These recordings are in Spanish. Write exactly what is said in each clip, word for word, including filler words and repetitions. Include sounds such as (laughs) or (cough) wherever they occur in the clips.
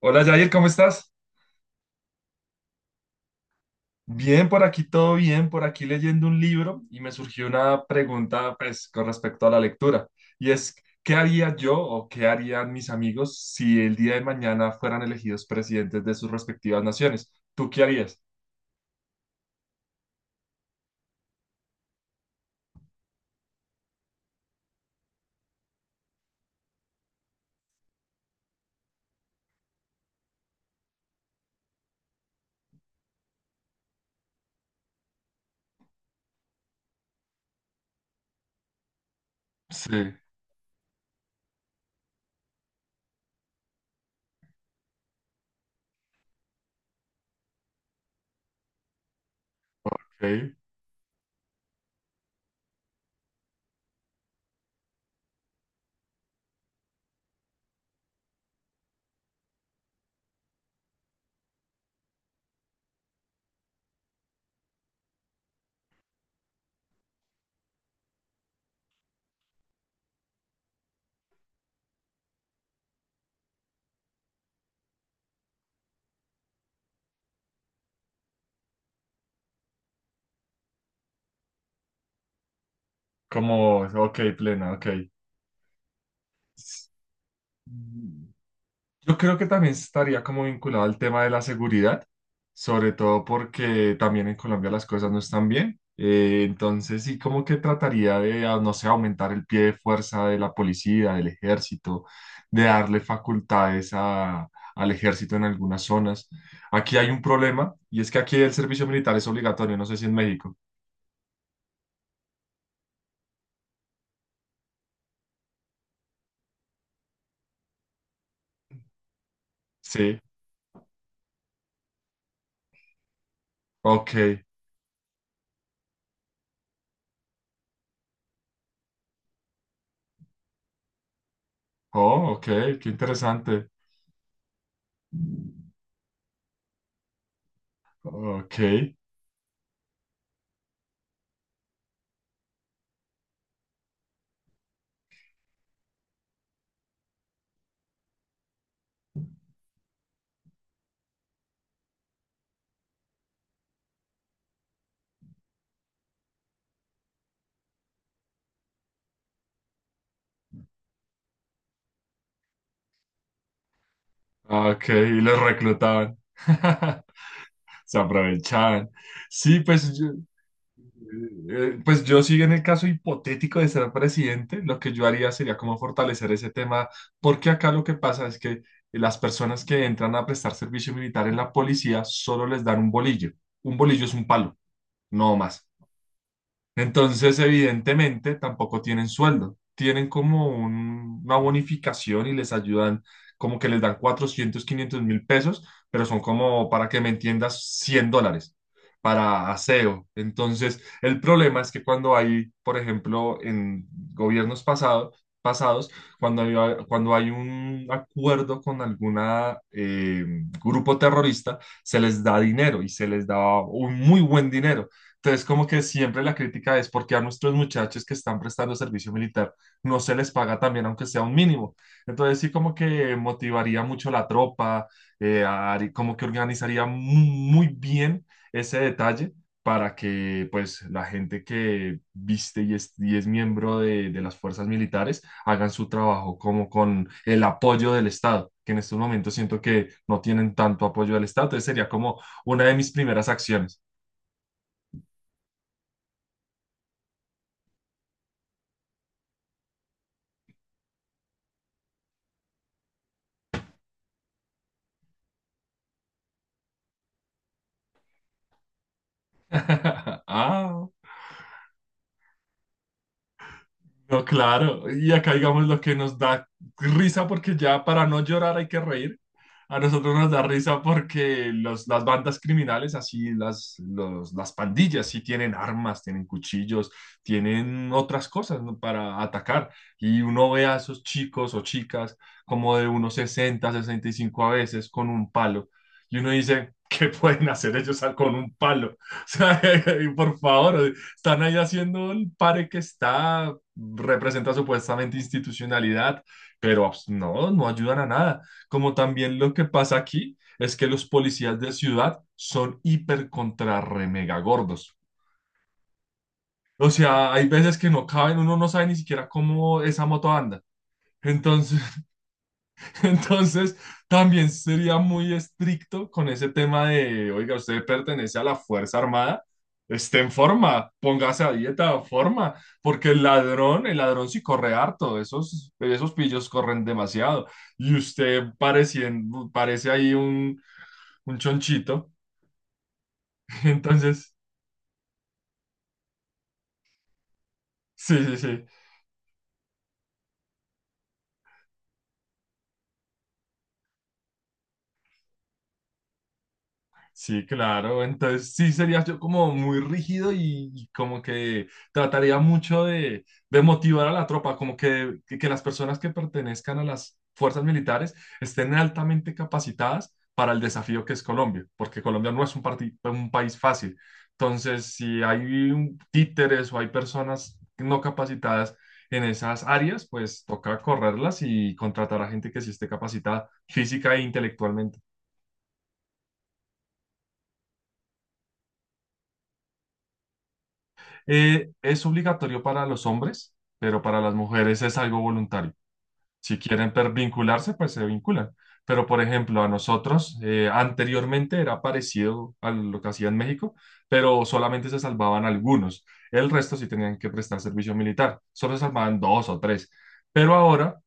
Hola Yair, ¿cómo estás? Bien, por aquí todo bien, por aquí leyendo un libro y me surgió una pregunta pues con respecto a la lectura y es, ¿qué haría yo o qué harían mis amigos si el día de mañana fueran elegidos presidentes de sus respectivas naciones? ¿Tú qué harías? Sí, ok, como, ok, plena, ok. Yo creo que también estaría como vinculado al tema de la seguridad, sobre todo porque también en Colombia las cosas no están bien. Eh, entonces sí, como que trataría de, ah, no sé, aumentar el pie de fuerza de la policía, del ejército, de darle facultades a- al ejército en algunas zonas. Aquí hay un problema y es que aquí el servicio militar es obligatorio, no sé si en México. Sí, ok. Oh, ok, qué interesante. Ok, ah, ok, y los reclutaban. (laughs) Se aprovechaban. Sí, pues yo, eh, eh, pues yo sí en el caso hipotético de ser presidente, lo que yo haría sería como fortalecer ese tema, porque acá lo que pasa es que las personas que entran a prestar servicio militar en la policía solo les dan un bolillo. Un bolillo es un palo, no más. Entonces, evidentemente, tampoco tienen sueldo. Tienen como un- una bonificación y les ayudan, como que les dan cuatrocientos, quinientos mil pesos, pero son como, para que me entiendas, cien dólares para aseo. Entonces, el problema es que cuando hay, por ejemplo, en gobiernos pasados, pasados, cuando hay, cuando hay un acuerdo con alguna eh, grupo terrorista, se les da dinero y se les da un muy buen dinero. Entonces, como que siempre la crítica es porque a nuestros muchachos que están prestando servicio militar no se les paga también, aunque sea un mínimo. Entonces, sí, como que motivaría mucho la tropa, eh, harí- como que organizaría mu- muy bien ese detalle para que pues la gente que viste y es, y es miembro de, de las fuerzas militares hagan su trabajo como con el apoyo del Estado, que en estos momentos siento que no tienen tanto apoyo del Estado. Entonces, sería como una de mis primeras acciones. (laughs) Ah, no, claro. Y acá, digamos, lo que nos da risa, porque ya para no llorar hay que reír. A nosotros nos da risa porque los, las bandas criminales, así las, los- las pandillas, sí tienen armas, tienen cuchillos, tienen otras cosas, ¿no? Para atacar. Y uno ve a esos chicos o chicas como de unos sesenta sesenta y cinco a veces con un palo. Y uno dice, (laughs) ¿qué pueden hacer ellos con un palo? (laughs) O sea, (laughs) por favor. Están ahí haciendo el pare que está, representa supuestamente institucionalidad, pero pues, no, no ayudan a nada. Como también lo que pasa aquí es que los policías de ciudad son hiper contra re mega gordos. O sea, hay veces que no caben, uno no sabe ni siquiera cómo esa moto anda. Entonces, (laughs) entonces, también sería muy estricto con ese tema de, oiga, usted pertenece a la Fuerza Armada, esté en forma, póngase a dieta, forma, porque el ladrón, el ladrón sí corre harto, esos, esos pillos corren demasiado, y usted parecien- parece ahí un, un chonchito, (laughs) entonces, sí, sí, sí. Sí, claro. Entonces sí sería yo como muy rígido y, y como que trataría mucho de, de motivar a la tropa, como que, que, que las personas que pertenezcan a las fuerzas militares estén altamente capacitadas para el desafío que es Colombia, porque Colombia no es un, parti- un país fácil. Entonces, si hay un- títeres o hay personas no capacitadas en esas áreas, pues toca correrlas y contratar a gente que sí esté capacitada física e intelectualmente. Eh, es obligatorio para los hombres, pero para las mujeres es algo voluntario. Si quieren per- vincularse, pues se vinculan. Pero, por ejemplo, a nosotros eh, anteriormente era parecido a lo que hacía en México, pero solamente se salvaban algunos. El resto sí tenían que prestar servicio militar. Solo se salvaban dos o tres. Pero ahora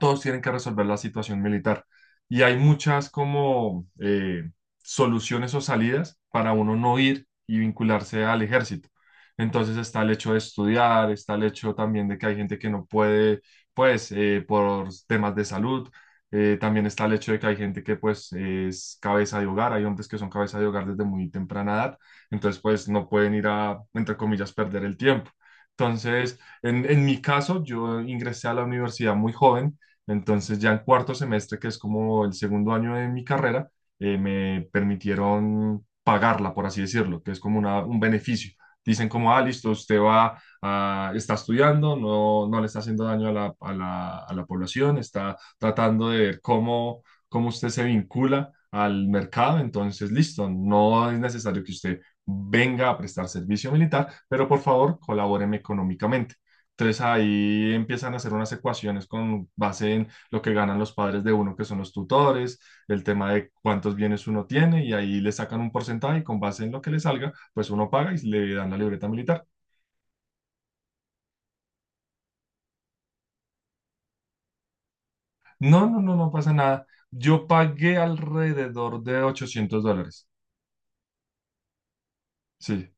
todos tienen que resolver la situación militar. Y hay muchas como eh, soluciones o salidas para uno no ir y vincularse al ejército. Entonces está el hecho de estudiar, está el hecho también de que hay gente que no puede, pues, eh, por temas de salud. Eh, también está el hecho de que hay gente que, pues, es cabeza de hogar. Hay hombres que son cabeza de hogar desde muy temprana edad. Entonces, pues, no pueden ir a, entre comillas, perder el tiempo. Entonces, en, en mi caso, yo ingresé a la universidad muy joven, entonces ya en cuarto semestre, que es como el segundo año de mi carrera, eh, me permitieron pagarla, por así decirlo, que es como una- un beneficio. Dicen como, ah, listo, usted va, a- está estudiando, no, no le está haciendo daño a la, a la- a la población, está tratando de ver cómo, cómo usted se vincula al mercado, entonces listo, no es necesario que usted venga a prestar servicio militar, pero por favor colabóreme económicamente. Entonces ahí empiezan a hacer unas ecuaciones con base en lo que ganan los padres de uno, que son los tutores, el tema de cuántos bienes uno tiene, y ahí le sacan un porcentaje y con base en lo que le salga, pues uno paga y le dan la libreta militar. No, no, no, no pasa nada. Yo pagué alrededor de ochocientos dólares. Sí,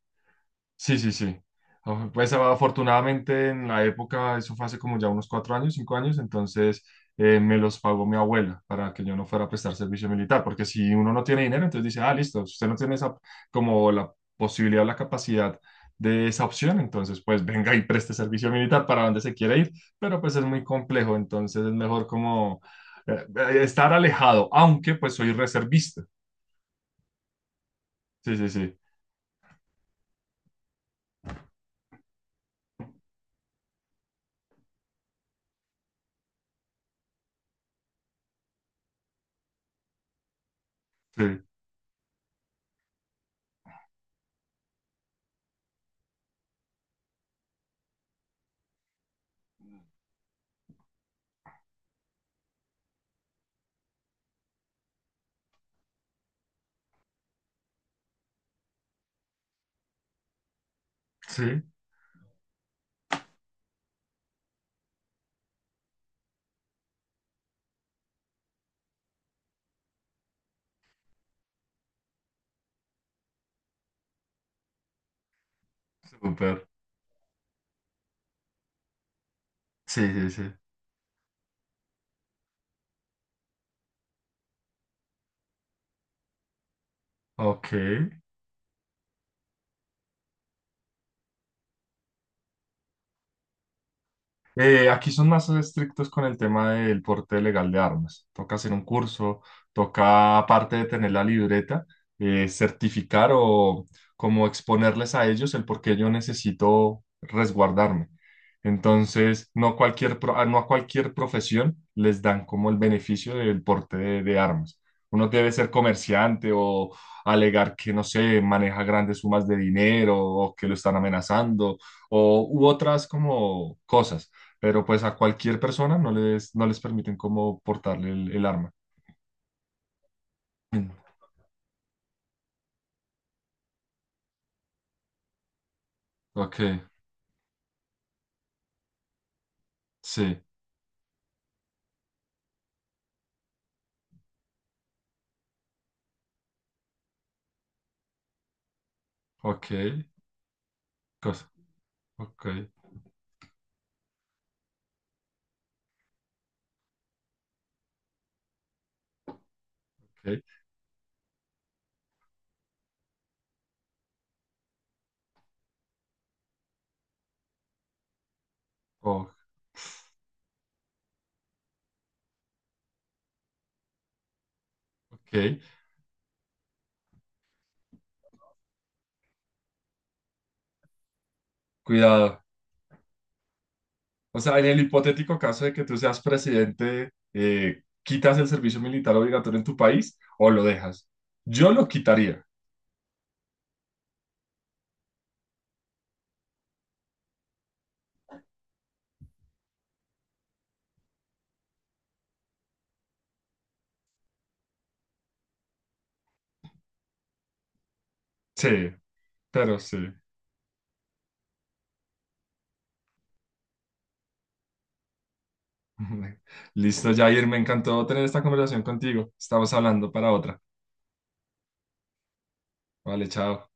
sí, sí, sí. Af- Pues afortunadamente en la época, eso fue hace como ya unos cuatro años, cinco años, entonces eh, me los pagó mi abuela para que yo no fuera a prestar servicio militar, porque si uno no tiene dinero, entonces dice, ah, listo, si usted no tiene esa como la posibilidad o la capacidad de esa opción, entonces pues venga y preste servicio militar para donde se quiere ir, pero pues es muy complejo, entonces es mejor como eh, eh, estar alejado, aunque pues soy reservista. Sí, sí, sí, sí, sí, súper. Sí, sí, sí. Ok. Eh, aquí son más estrictos con el tema del porte legal de armas. Toca hacer un curso, toca, aparte de tener la libreta, eh, certificar o como exponerles a ellos el por qué yo necesito resguardarme. Entonces, no, cualquier pro- a- no a cualquier profesión les dan como el beneficio del porte de, de armas. Uno debe ser comerciante o alegar que, no sé, maneja grandes sumas de dinero o que lo están amenazando o u otras como cosas pero pues a cualquier persona no les, no les permiten como portarle el, el arma. Mm. Ok, sí, ok, cosa, ok, ok, oh, ok. Cuidado. O sea, en el hipotético caso de que tú seas presidente, eh, ¿quitas el servicio militar obligatorio en tu país o lo dejas? Yo lo quitaría. Sí, pero sí. (laughs) Listo, Jair, me encantó tener esta conversación contigo. Estamos hablando para otra. Vale, chao.